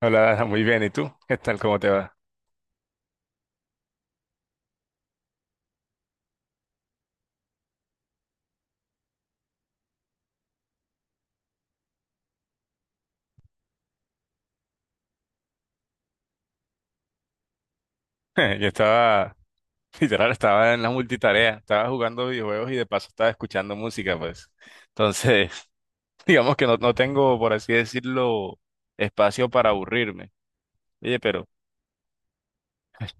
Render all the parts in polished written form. Hola, Dana, muy bien. ¿Y tú? ¿Qué tal? ¿Cómo te va? Yo estaba, literal, estaba en la multitarea, estaba jugando videojuegos y de paso estaba escuchando música, pues. Entonces, digamos que no tengo, por así decirlo, espacio para aburrirme. Oye, pero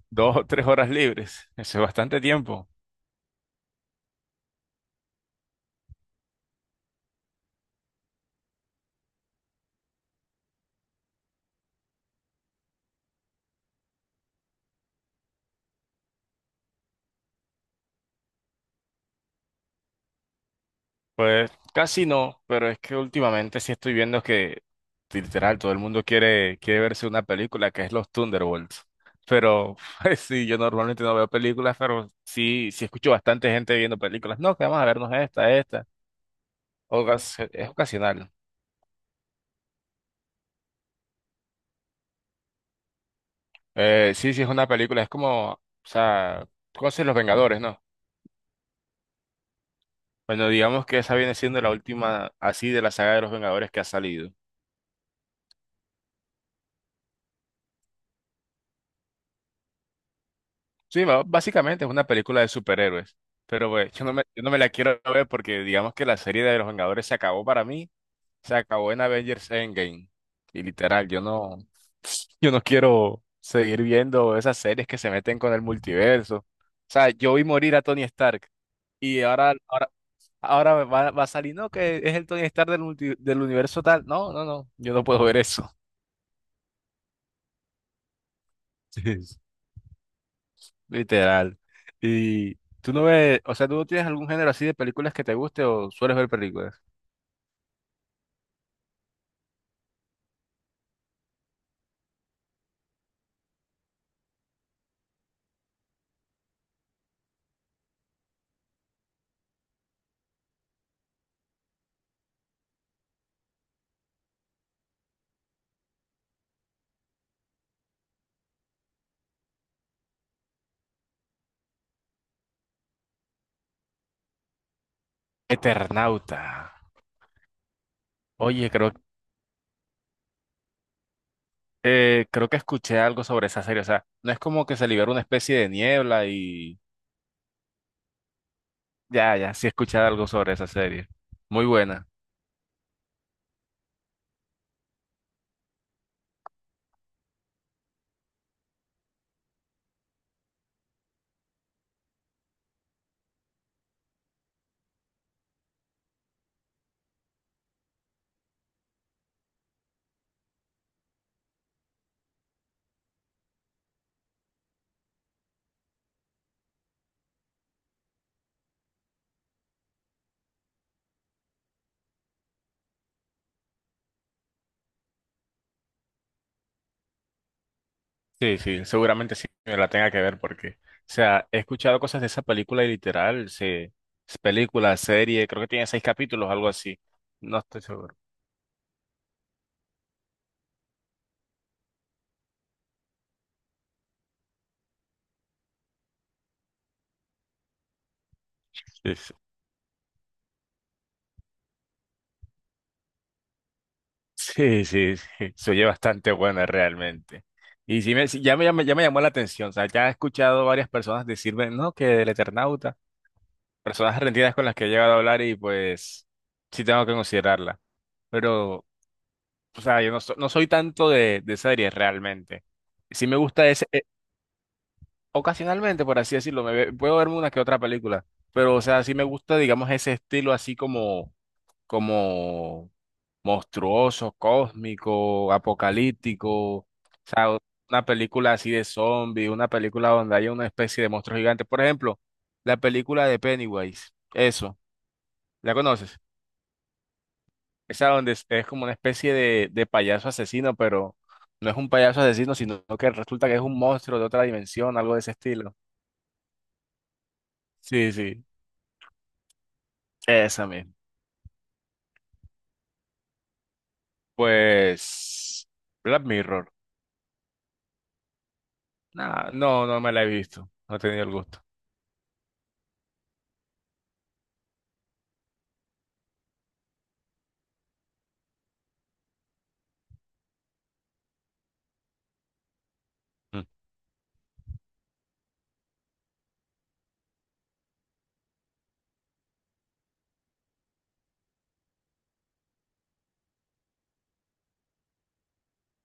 dos o tres horas libres, eso es bastante tiempo. Pues casi no, pero es que últimamente sí estoy viendo que literal todo el mundo quiere verse una película que es Los Thunderbolts. Pero pues, sí, yo normalmente no veo películas, pero sí, sí escucho bastante gente viendo películas. No, que vamos a vernos esta, esta. Es ocasional. Sí, sí es una película, es como, o sea, cosas Los Vengadores, ¿no? Bueno, digamos que esa viene siendo la última así de la saga de Los Vengadores que ha salido. Sí, básicamente es una película de superhéroes, pero pues, yo no me la quiero ver porque digamos que la serie de los Vengadores se acabó para mí, se acabó en Avengers Endgame. Y literal, yo no, yo no quiero seguir viendo esas series que se meten con el multiverso. O sea, yo vi morir a Tony Stark y ahora va a salir, no, que es el Tony Stark del universo tal. No, no, no, yo no puedo ver eso. Literal. Y tú no ves, o sea, tú no tienes algún género así de películas que te guste o sueles ver películas. Eternauta. Oye, creo, creo que escuché algo sobre esa serie. O sea, no es como que se libera una especie de niebla y ya, ya, sí escuché algo sobre esa serie. Muy buena. Sí, sí, seguramente sí me la tenga que ver porque, o sea, he escuchado cosas de esa película y literal, es película, serie, creo que tiene 6 capítulos, algo así. No estoy seguro. Sí. Sí, sí, sí, se oye bastante buena realmente. Y sí, ya me llamó la atención, o sea, ya he escuchado varias personas decir, "Ven, no, que el Eternauta", personas argentinas con las que he llegado a hablar y pues sí tengo que considerarla. Pero, o sea, yo no, so- no soy tanto de series realmente. Sí me gusta ese, ocasionalmente, por así decirlo, puedo verme una que otra película, pero, o sea, sí me gusta, digamos, ese estilo así como, como monstruoso, cósmico, apocalíptico, o sea, una película así de zombie, una película donde haya una especie de monstruo gigante. Por ejemplo, la película de Pennywise, eso, ¿la conoces? Esa donde es como una especie de payaso asesino, pero no es un payaso asesino, sino que resulta que es un monstruo de otra dimensión, algo de ese estilo. Sí, sí, esa misma. Pues, Black Mirror. Nah, no, no me la he visto, no he tenido el gusto.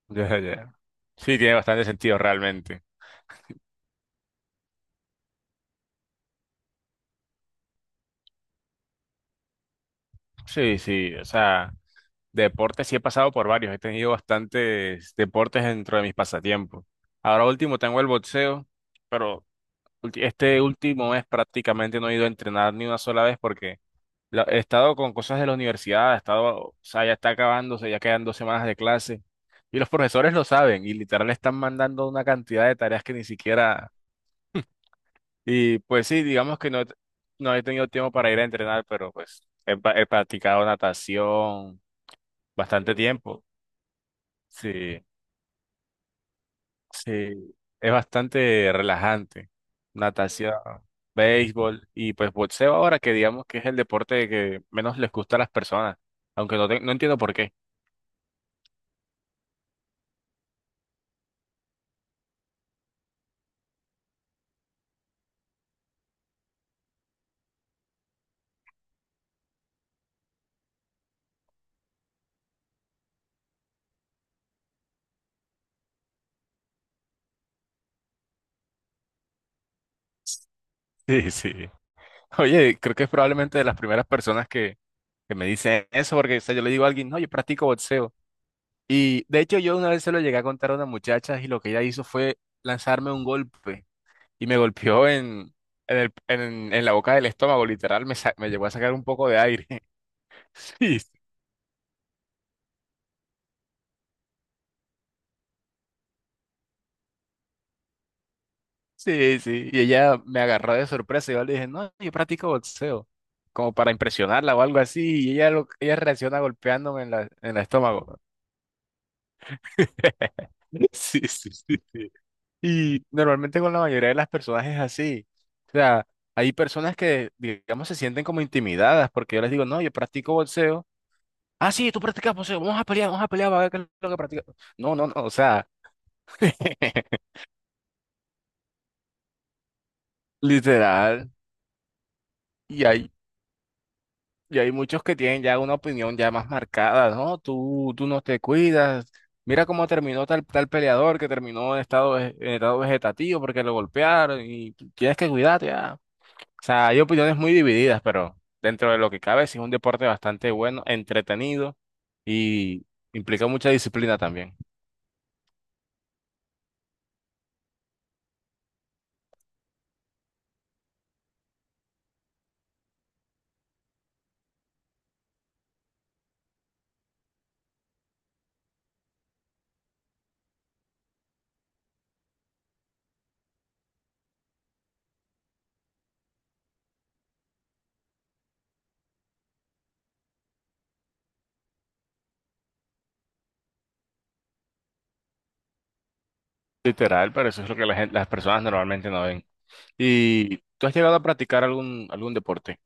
Ya, ya. Sí, tiene bastante sentido realmente. Sí, sí, o sea, deportes sí he pasado por varios, he tenido bastantes deportes dentro de mis pasatiempos. Ahora último tengo el boxeo, pero este último mes prácticamente no he ido a entrenar ni una sola vez porque he estado con cosas de la universidad, he estado, o sea, ya está acabándose, ya quedan 2 semanas de clase y los profesores lo saben y literal están mandando una cantidad de tareas que ni siquiera. Y pues sí, digamos que no, no he tenido tiempo para ir a entrenar, pero pues he practicado natación bastante tiempo. Sí, sí, es bastante relajante. Natación, béisbol y pues boxeo ahora que digamos que es el deporte que menos les gusta a las personas, aunque no, no entiendo por qué. Sí, sí. Oye, creo que es probablemente de las primeras personas que me dicen eso, porque o sea, yo le digo a alguien, no, yo practico boxeo. Y de hecho yo una vez se lo llegué a contar a una muchacha y lo que ella hizo fue lanzarme un golpe y me golpeó en la boca del estómago, literal, me llegó a sacar un poco de aire. Sí, sí, sí. Y ella me agarró de sorpresa y yo le dije, no, yo practico boxeo, como para impresionarla o algo así, y ella reacciona golpeándome en el estómago. Sí, sí, sí. Y normalmente con la mayoría de las personas es así. O sea, hay personas que, digamos, se sienten como intimidadas porque yo les digo, no, yo practico boxeo. Ah, sí, tú practicas boxeo, vamos a pelear, va a ver qué es lo que practicas. No, no, no, o sea, literal. Y hay, y hay muchos que tienen ya una opinión ya más marcada, ¿no? Tú no te cuidas. Mira cómo terminó tal, tal peleador que terminó en estado vegetativo porque lo golpearon y tienes que cuidarte, ya. O sea, hay opiniones muy divididas, pero dentro de lo que cabe, sí es un deporte bastante bueno, entretenido y implica mucha disciplina también. Literal, pero eso es lo que las personas normalmente no ven. ¿Y tú has llegado a practicar algún, algún deporte?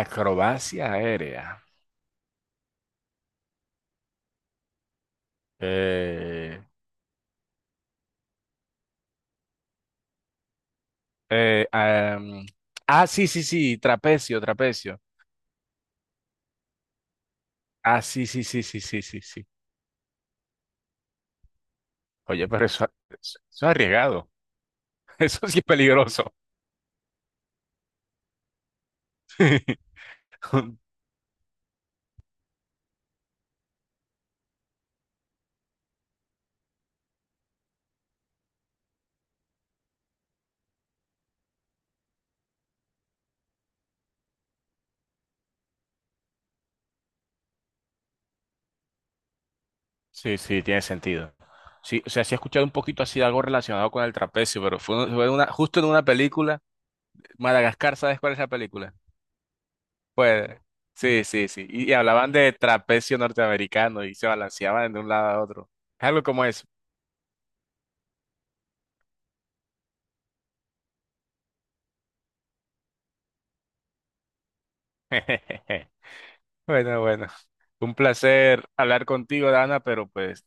Acrobacia aérea. Eh, eh, ah, mm, sí, sí, sí, trapecio, trapecio. Ah, sí, sí, sí, sí, sí, sí, sí. Oye, pero eso es arriesgado. Eso sí es peligroso. Sí, sí, tiene sentido. Sí, o sea, sí he escuchado un poquito así de algo relacionado con el trapecio, pero fue una, justo en una película, Madagascar, ¿sabes cuál es la película? Pues, sí, sí, sí. Y hablaban de trapecio norteamericano y se balanceaban de un lado a otro. Es algo como eso. Bueno, bueno. Un placer hablar contigo, Dana, pero pues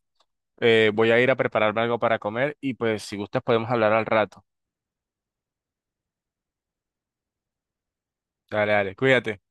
voy a ir a prepararme algo para comer y pues si gustas podemos hablar al rato. Dale, dale, cuídate.